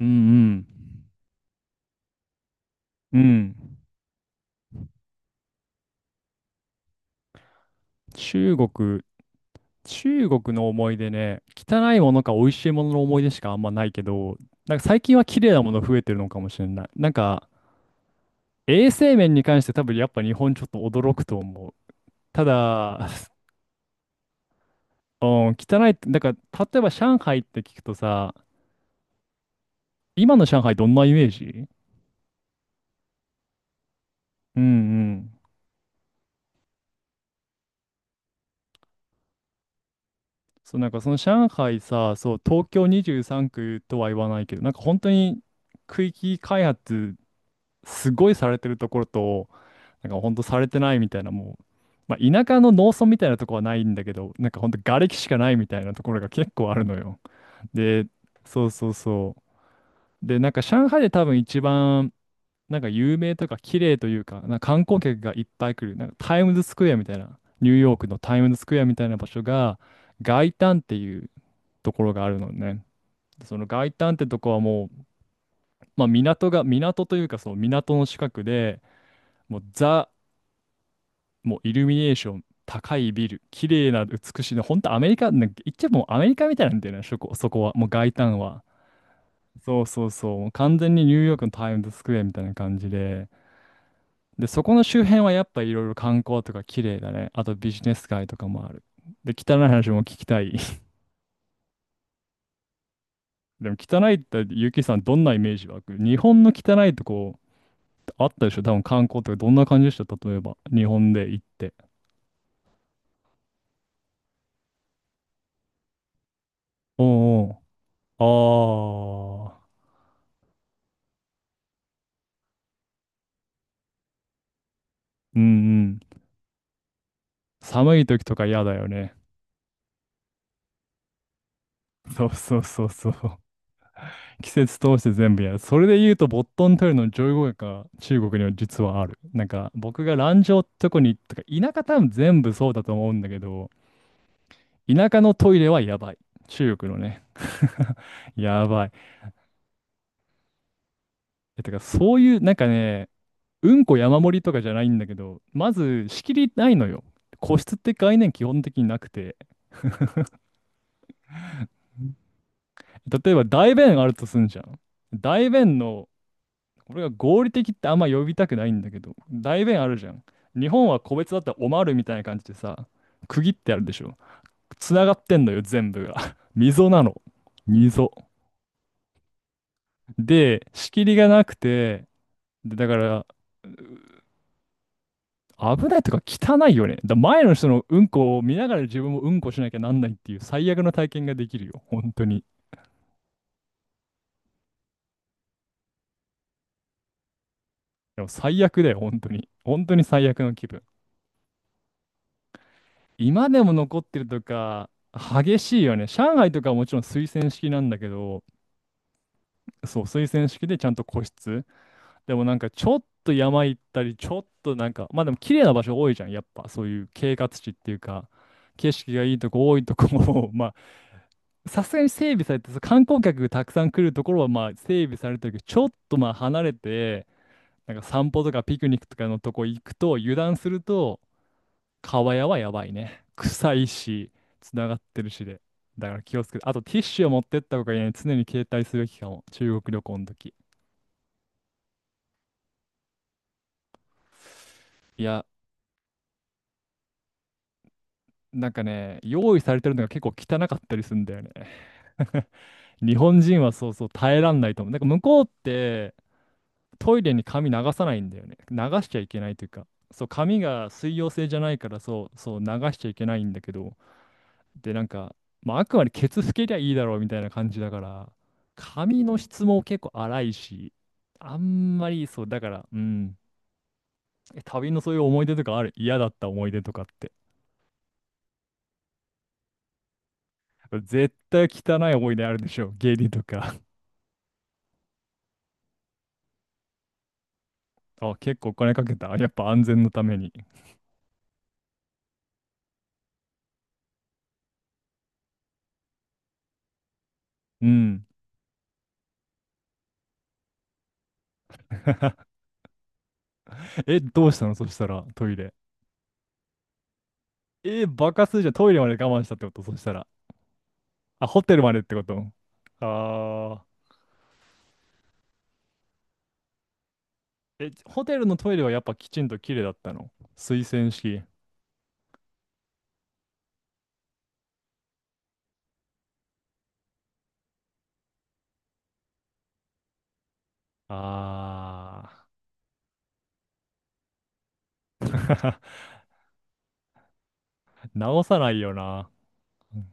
うんうん。うん。中国、中国の思い出ね、汚いものか美味しいものの思い出しかあんまないけど、なんか最近は綺麗なもの増えてるのかもしれない。なんか衛生面に関して多分やっぱ日本ちょっと驚くと思う。ただ、うん、汚いって、だから例えば上海って聞くとさ、今の上海どんなイメージ？うんうん。そう、なんかその上海さ、そう、東京23区とは言わないけど、なんか本当に区域開発すごいされてるところと、なんかほんとされてないみたいな、もう、まあ、田舎の農村みたいなところはないんだけど、なんかほんと瓦礫しかないみたいなところが結構あるのよ。で、そうそうそう。で、なんか上海で多分一番、なんか有名とか綺麗というか、なんか観光客がいっぱい来る、なんかタイムズスクエアみたいな、ニューヨークのタイムズスクエアみたいな場所が、外灘っていうところがあるのね。その外灘ってとこはもう、まあ、港が、港というかその港の近くで、もうザ、もうイルミネーション、高いビル、綺麗な美しいの、本当アメリカ、なんか言っちゃもうアメリカみたいなんだよね、そこは、もう外観は。そうそうそう、もう完全にニューヨークのタイムズスクエアみたいな感じで、で、そこの周辺はやっぱいろいろ観光とか綺麗だね。あとビジネス街とかもある。で、汚い話も聞きたい。でも汚いって、ゆきさんどんなイメージ湧く？日本の汚いとこあったでしょ？多分観光とかどんな感じでした？例えば、日本で行って。おうおう。ああ。うん、寒い時とか嫌だよね。そうそうそうそう。季節通して全部やる。それで言うと、ボットントイレの上位互換が中国には実はある。なんか、僕が蘭州ってとこに、とか、田舎多分全部そうだと思うんだけど、田舎のトイレはやばい。中国のね。やばい。え、てか、そういう、なんかね、うんこ山盛りとかじゃないんだけど、まず仕切りないのよ。個室って概念基本的になくて。例えば大便あるとすんじゃん。大便の、これが合理的ってあんま呼びたくないんだけど、代弁あるじゃん。日本は個別だったらおまるみたいな感じでさ、区切ってあるでしょ。つながってんのよ、全部が。溝なの。溝。で、仕切りがなくて、で、だから、危ないとか汚いよね。だ前の人のうんこを見ながら自分もうんこしなきゃなんないっていう最悪の体験ができるよ。本当に。でも最悪だよ、本当に。本当に最悪の気分。今でも残ってるとか、激しいよね。上海とかはもちろん推薦式なんだけど、そう、推薦式でちゃんと個室。でもなんかちょっと山行ったり、ちょっとなんか、まあでも綺麗な場所多いじゃん、やっぱ。そういう景勝地っていうか、景色がいいとこ多いとこも、まあ、さすがに整備されて、そう観光客がたくさん来るところはまあ整備されてるけど、ちょっとまあ離れて、なんか散歩とかピクニックとかのとこ行くと、油断すると、川屋はやばいね。臭いし、つながってるしで。だから気をつけて。あとティッシュを持ってった方がいいね。常に携帯すべきかも。中国旅行の時。いや、なんかね、用意されてるのが結構汚かったりするんだよね。日本人はそうそう耐えらんないと思う。なんか向こうってトイレに髪流さないんだよね。流しちゃいけないというか、そう、髪が水溶性じゃないから、そう流しちゃいけないんだけど、で、なんか、まあ、あくまでケツ拭けりゃいいだろうみたいな感じだから、髪の質も結構荒いし、あんまりそう、だから、うん、え、旅のそういう思い出とかある？嫌だった思い出とかって。絶対汚い思い出あるでしょ？下痢とか。あ、結構お金かけた？やっぱ安全のために。うん。え、どうしたのそしたら、トイレ。え、バカするじゃん。トイレまで我慢したってことそしたら？あ、ホテルまでってこと？あー。え、ホテルのトイレはやっぱきちんと綺麗だったの？水洗式。あー。直さないよな。うん、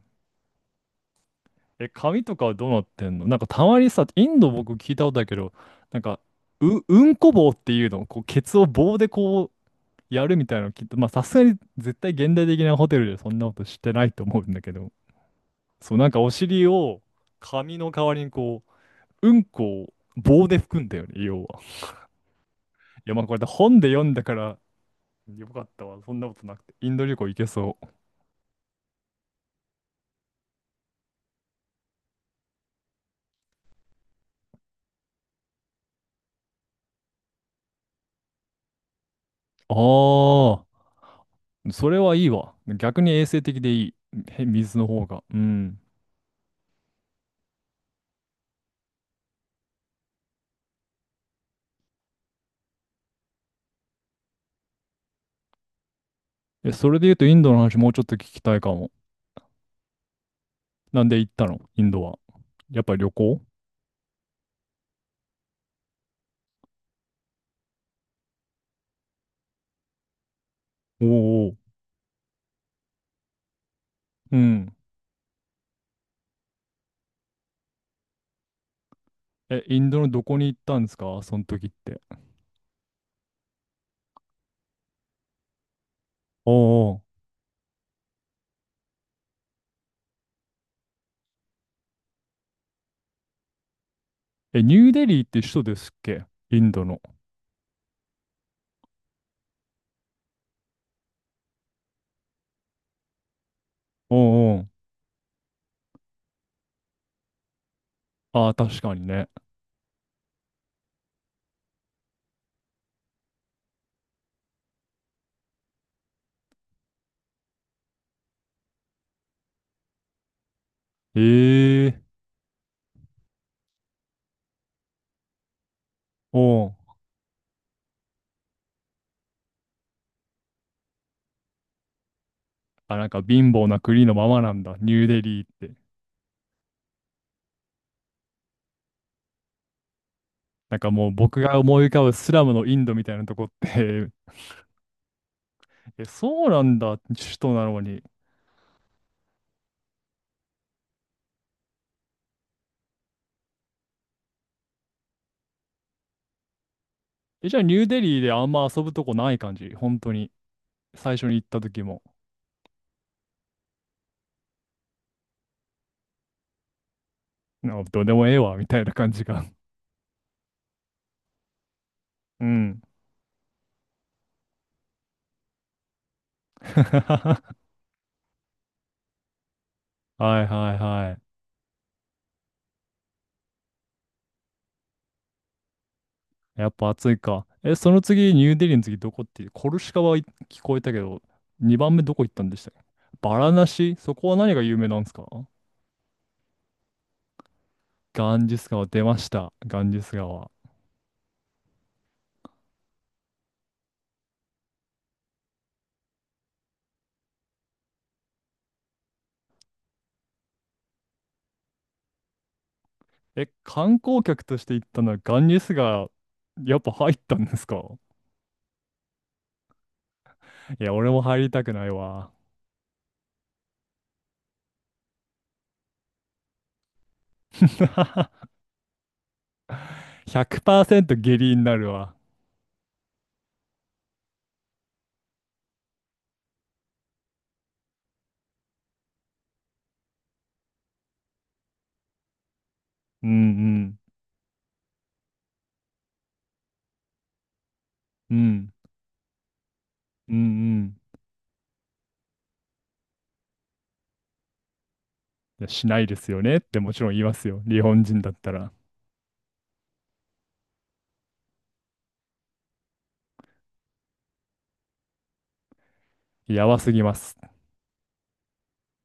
え、髪とかはどうなってんの？なんかたまにさ、インド僕聞いたことだけど、なんか、う、うんこ棒っていうの、こう、ケツを棒でこやるみたいなのきっと、まあさすがに絶対現代的なホテルでそんなことしてないと思うんだけど、そうなんかお尻を紙の代わりにこう、うんこを棒で拭くんだよね、要は。いやまあこれで本で読んだからよかったわ、そんなことなくて。インド旅行行けそう。ああ、それはいいわ。逆に衛生的でいい。へ水の方が。うん。え、それで言うとインドの話もうちょっと聞きたいかも。なんで行ったのインドは。やっぱり旅行？おーおー。うん。え、インドのどこに行ったんですかその時って。おうおう、え、ニューデリーって首都ですっけインドの。おうおう、ああ、確かにね。ええ、おう。あ、なんか貧乏な国のままなんだ、ニューデリーって。なんかもう僕が思い浮かぶスラムのインドみたいなとこって？ え、そうなんだ、首都なのに。え、じゃあニューデリーであんま遊ぶとこない感じ、本当に。最初に行った時も。なんかどうでもええわ、みたいな感じが。うん。はいはいはい。やっぱ暑いか。え、その次、ニューデリーの次どこって、コルシカはい聞こえたけど、2番目どこ行ったんでしたっけ？バラナシそこは何が有名なんですか？ガンジス川出ました。ガンジス川。え、観光客として行ったのはガンジス川、やっぱ入ったんですか？いや、俺も入りたくないわ。100%下痢になるわ。うんうん。うん。うんうん、しないですよねってもちろん言いますよ。日本人だったら。やばすぎます。